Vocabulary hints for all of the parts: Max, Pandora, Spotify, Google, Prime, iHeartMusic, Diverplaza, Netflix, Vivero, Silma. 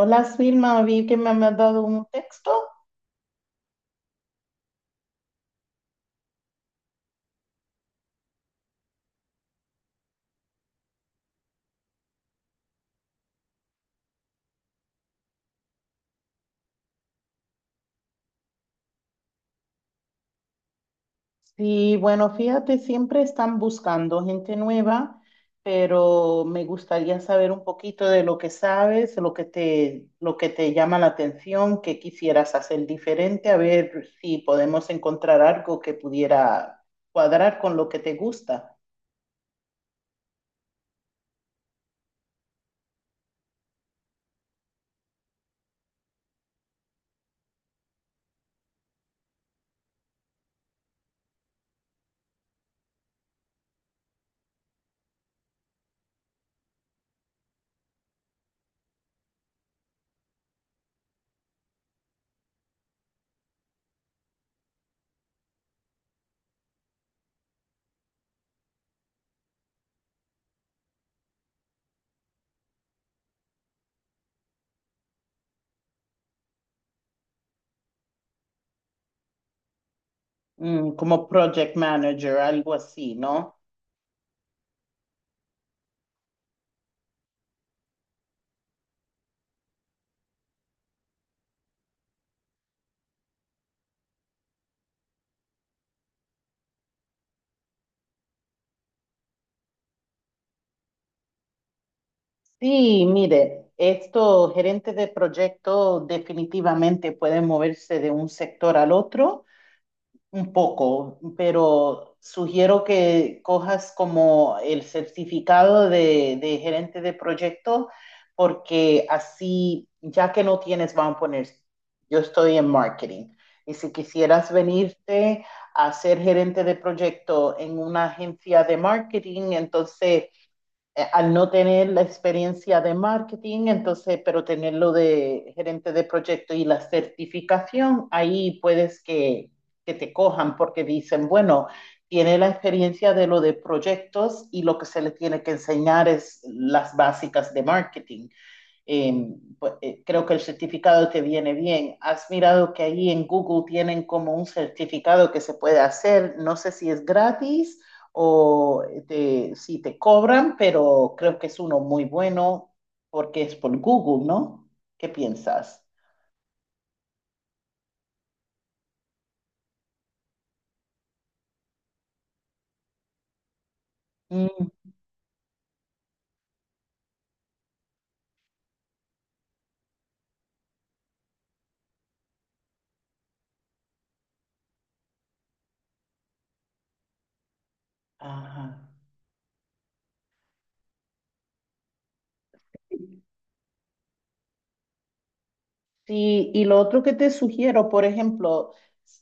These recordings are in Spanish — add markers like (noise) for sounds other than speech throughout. Hola, Silma, vi que me has dado un texto. Sí, bueno, fíjate, siempre están buscando gente nueva, pero me gustaría saber un poquito de lo que sabes, lo que te llama la atención, qué quisieras hacer diferente, a ver si podemos encontrar algo que pudiera cuadrar con lo que te gusta. Mm, como project manager, algo así, ¿no? Sí, mire, estos gerentes de proyecto definitivamente pueden moverse de un sector al otro un poco, pero sugiero que cojas como el certificado de gerente de proyecto, porque así, ya que no tienes, vamos a poner, yo estoy en marketing, y si quisieras venirte a ser gerente de proyecto en una agencia de marketing, entonces al no tener la experiencia de marketing, entonces, pero tenerlo de gerente de proyecto y la certificación, ahí puedes que te cojan porque dicen, bueno, tiene la experiencia de lo de proyectos y lo que se le tiene que enseñar es las básicas de marketing. Creo que el certificado te viene bien. Has mirado que ahí en Google tienen como un certificado que se puede hacer, no sé si es gratis o si te cobran, pero creo que es uno muy bueno porque es por Google, ¿no? ¿Qué piensas? Mm, ajá. Sí, y lo otro que te sugiero, por ejemplo,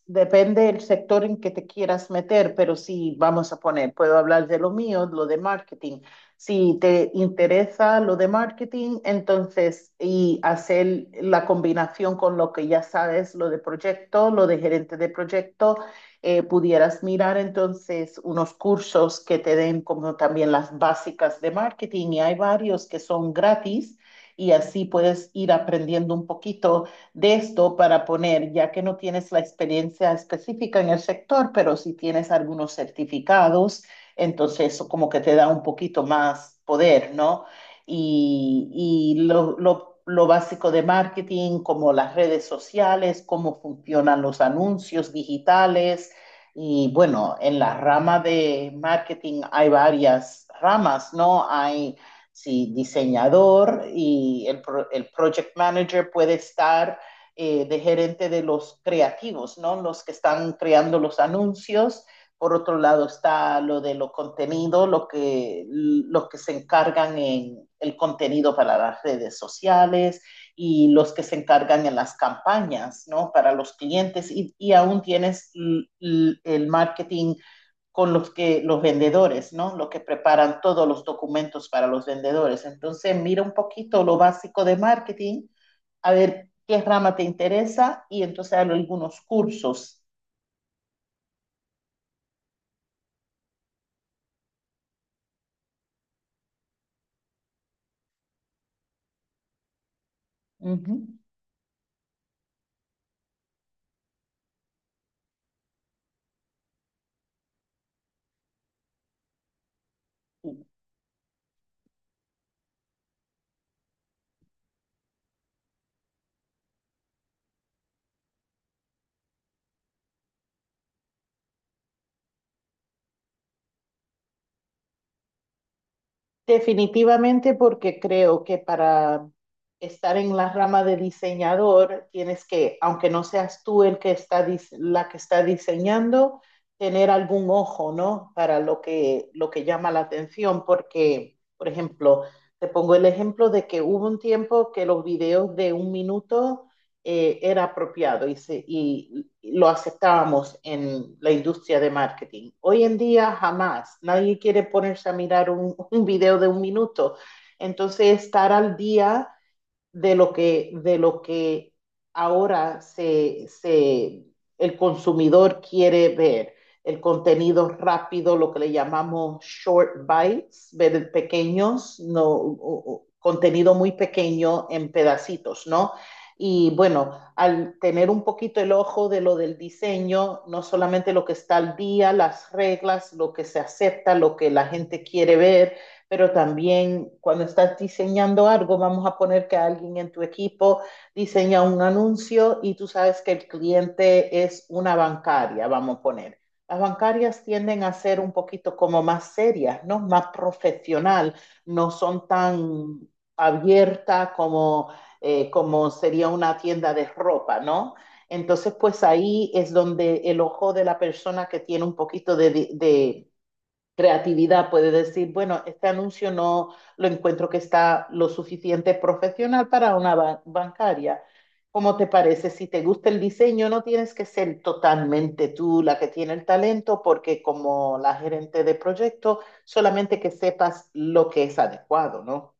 depende del sector en que te quieras meter, pero si vamos a poner, puedo hablar de lo mío, lo de marketing. Si te interesa lo de marketing, entonces, y hacer la combinación con lo que ya sabes, lo de proyecto, lo de gerente de proyecto, pudieras mirar entonces unos cursos que te den como también las básicas de marketing, y hay varios que son gratis y así puedes ir aprendiendo un poquito de esto para poner, ya que no tienes la experiencia específica en el sector, pero si tienes algunos certificados, entonces eso como que te da un poquito más poder, ¿no? Y, lo básico de marketing, como las redes sociales, cómo funcionan los anuncios digitales. Y bueno, en la rama de marketing hay varias ramas, ¿no? Hay si diseñador y el project manager puede estar de gerente de los creativos, ¿no? Los que están creando los anuncios. Por otro lado está lo de los contenidos, los que se encargan en el contenido para las redes sociales y los que se encargan en las campañas, ¿no? Para los clientes, y aún tienes el marketing con los que los vendedores, ¿no? Los que preparan todos los documentos para los vendedores. Entonces, mira un poquito lo básico de marketing, a ver qué rama te interesa y entonces hay algunos cursos. Uh -huh. Definitivamente porque creo que para estar en la rama de diseñador tienes que, aunque no seas tú el que está dis- la que está diseñando, tener algún ojo, ¿no? Para lo que llama la atención, porque, por ejemplo, te pongo el ejemplo de que hubo un tiempo que los videos de un minuto era apropiado y, y lo aceptábamos en la industria de marketing. Hoy en día jamás, nadie quiere ponerse a mirar un, (laughs) un video de un minuto. Entonces, estar al día de lo que ahora el consumidor quiere ver. El contenido rápido, lo que le llamamos short bites, ver pequeños, no, contenido muy pequeño en pedacitos, ¿no? Y bueno, al tener un poquito el ojo de lo del diseño, no solamente lo que está al día, las reglas, lo que se acepta, lo que la gente quiere ver, pero también cuando estás diseñando algo, vamos a poner que alguien en tu equipo diseña un anuncio y tú sabes que el cliente es una bancaria, vamos a poner. Las bancarias tienden a ser un poquito como más serias, ¿no? Más profesional, no son tan abiertas como, como sería una tienda de ropa, ¿no? Entonces, pues ahí es donde el ojo de la persona que tiene un poquito creatividad, puede decir, bueno, este anuncio no lo encuentro que está lo suficiente profesional para una bancaria. ¿Cómo te parece? Si te gusta el diseño, no tienes que ser totalmente tú la que tiene el talento, porque como la gerente de proyecto, solamente que sepas lo que es adecuado, ¿no?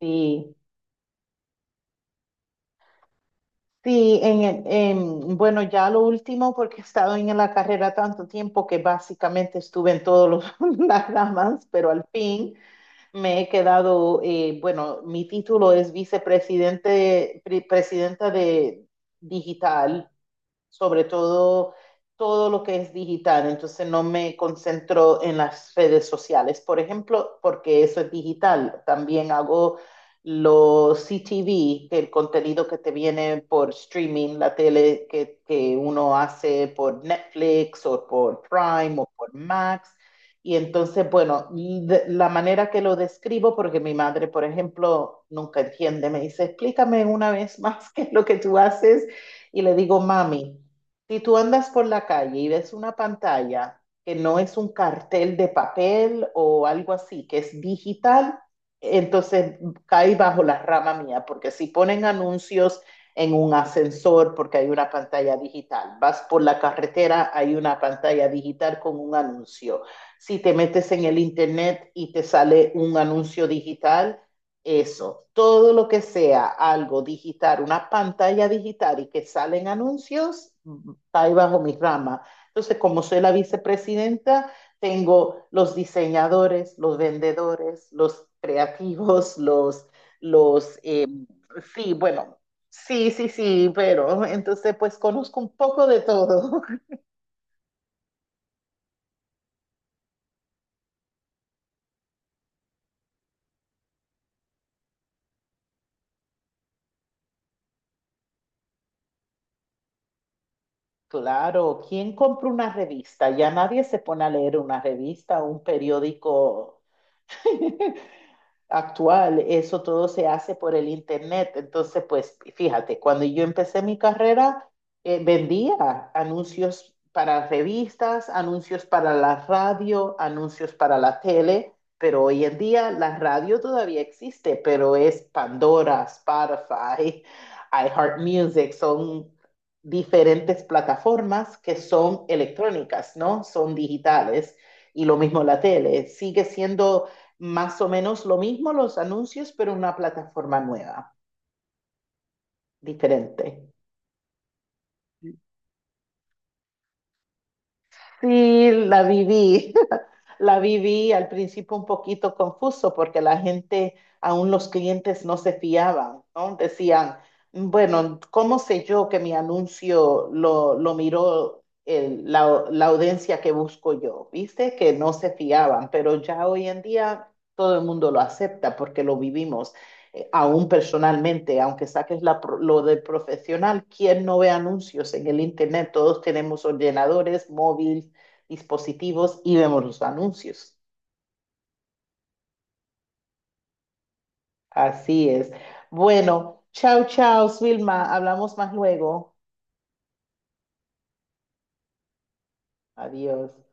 Sí, sí, bueno, ya lo último, porque he estado en la carrera tanto tiempo que básicamente estuve en todas (laughs) las ramas, pero al fin. Me he quedado, bueno, mi título es vicepresidente, presidenta de digital. Sobre todo todo lo que es digital, entonces no me concentro en las redes sociales, por ejemplo, porque eso es digital. También hago los CTV, que el contenido que te viene por streaming, la tele que uno hace por Netflix o por Prime o por Max. Y entonces, bueno, y la manera que lo describo, porque mi madre, por ejemplo, nunca entiende, me dice, explícame una vez más (laughs) qué es lo que tú haces, y le digo, mami, si tú andas por la calle y ves una pantalla que no es un cartel de papel o algo así, que es digital, entonces cae bajo la rama mía, porque si ponen anuncios en un ascensor porque hay una pantalla digital, vas por la carretera, hay una pantalla digital con un anuncio. Si te metes en el internet y te sale un anuncio digital, eso, todo lo que sea algo digital, una pantalla digital y que salen anuncios, está ahí bajo mi rama. Entonces, como soy la vicepresidenta, tengo los diseñadores, los vendedores, los creativos, los, eh, sí, bueno, sí, sí, sí, pero entonces pues conozco un poco de todo. (laughs) Claro, ¿quién compra una revista? Ya nadie se pone a leer una revista o un periódico. (laughs) Actual, eso todo se hace por el internet. Entonces, pues fíjate, cuando yo empecé mi carrera, vendía anuncios para revistas, anuncios para la radio, anuncios para la tele, pero hoy en día la radio todavía existe, pero es Pandora, Spotify, iHeartMusic, son diferentes plataformas que son electrónicas, ¿no? Son digitales. Y lo mismo la tele, sigue siendo más o menos lo mismo los anuncios, pero una plataforma nueva, diferente. Sí, la viví. La viví al principio un poquito confuso porque la gente, aún los clientes no se fiaban, ¿no? Decían, bueno, ¿cómo sé yo que mi anuncio lo miró la audiencia que busco yo? ¿Viste? Que no se fiaban, pero ya hoy en día todo el mundo lo acepta porque lo vivimos. Aún personalmente, aunque saques lo de profesional, ¿quién no ve anuncios en el internet? Todos tenemos ordenadores, móvil, dispositivos y vemos los anuncios. Así es. Bueno, chao, chao, Vilma. Hablamos más luego. Adiós.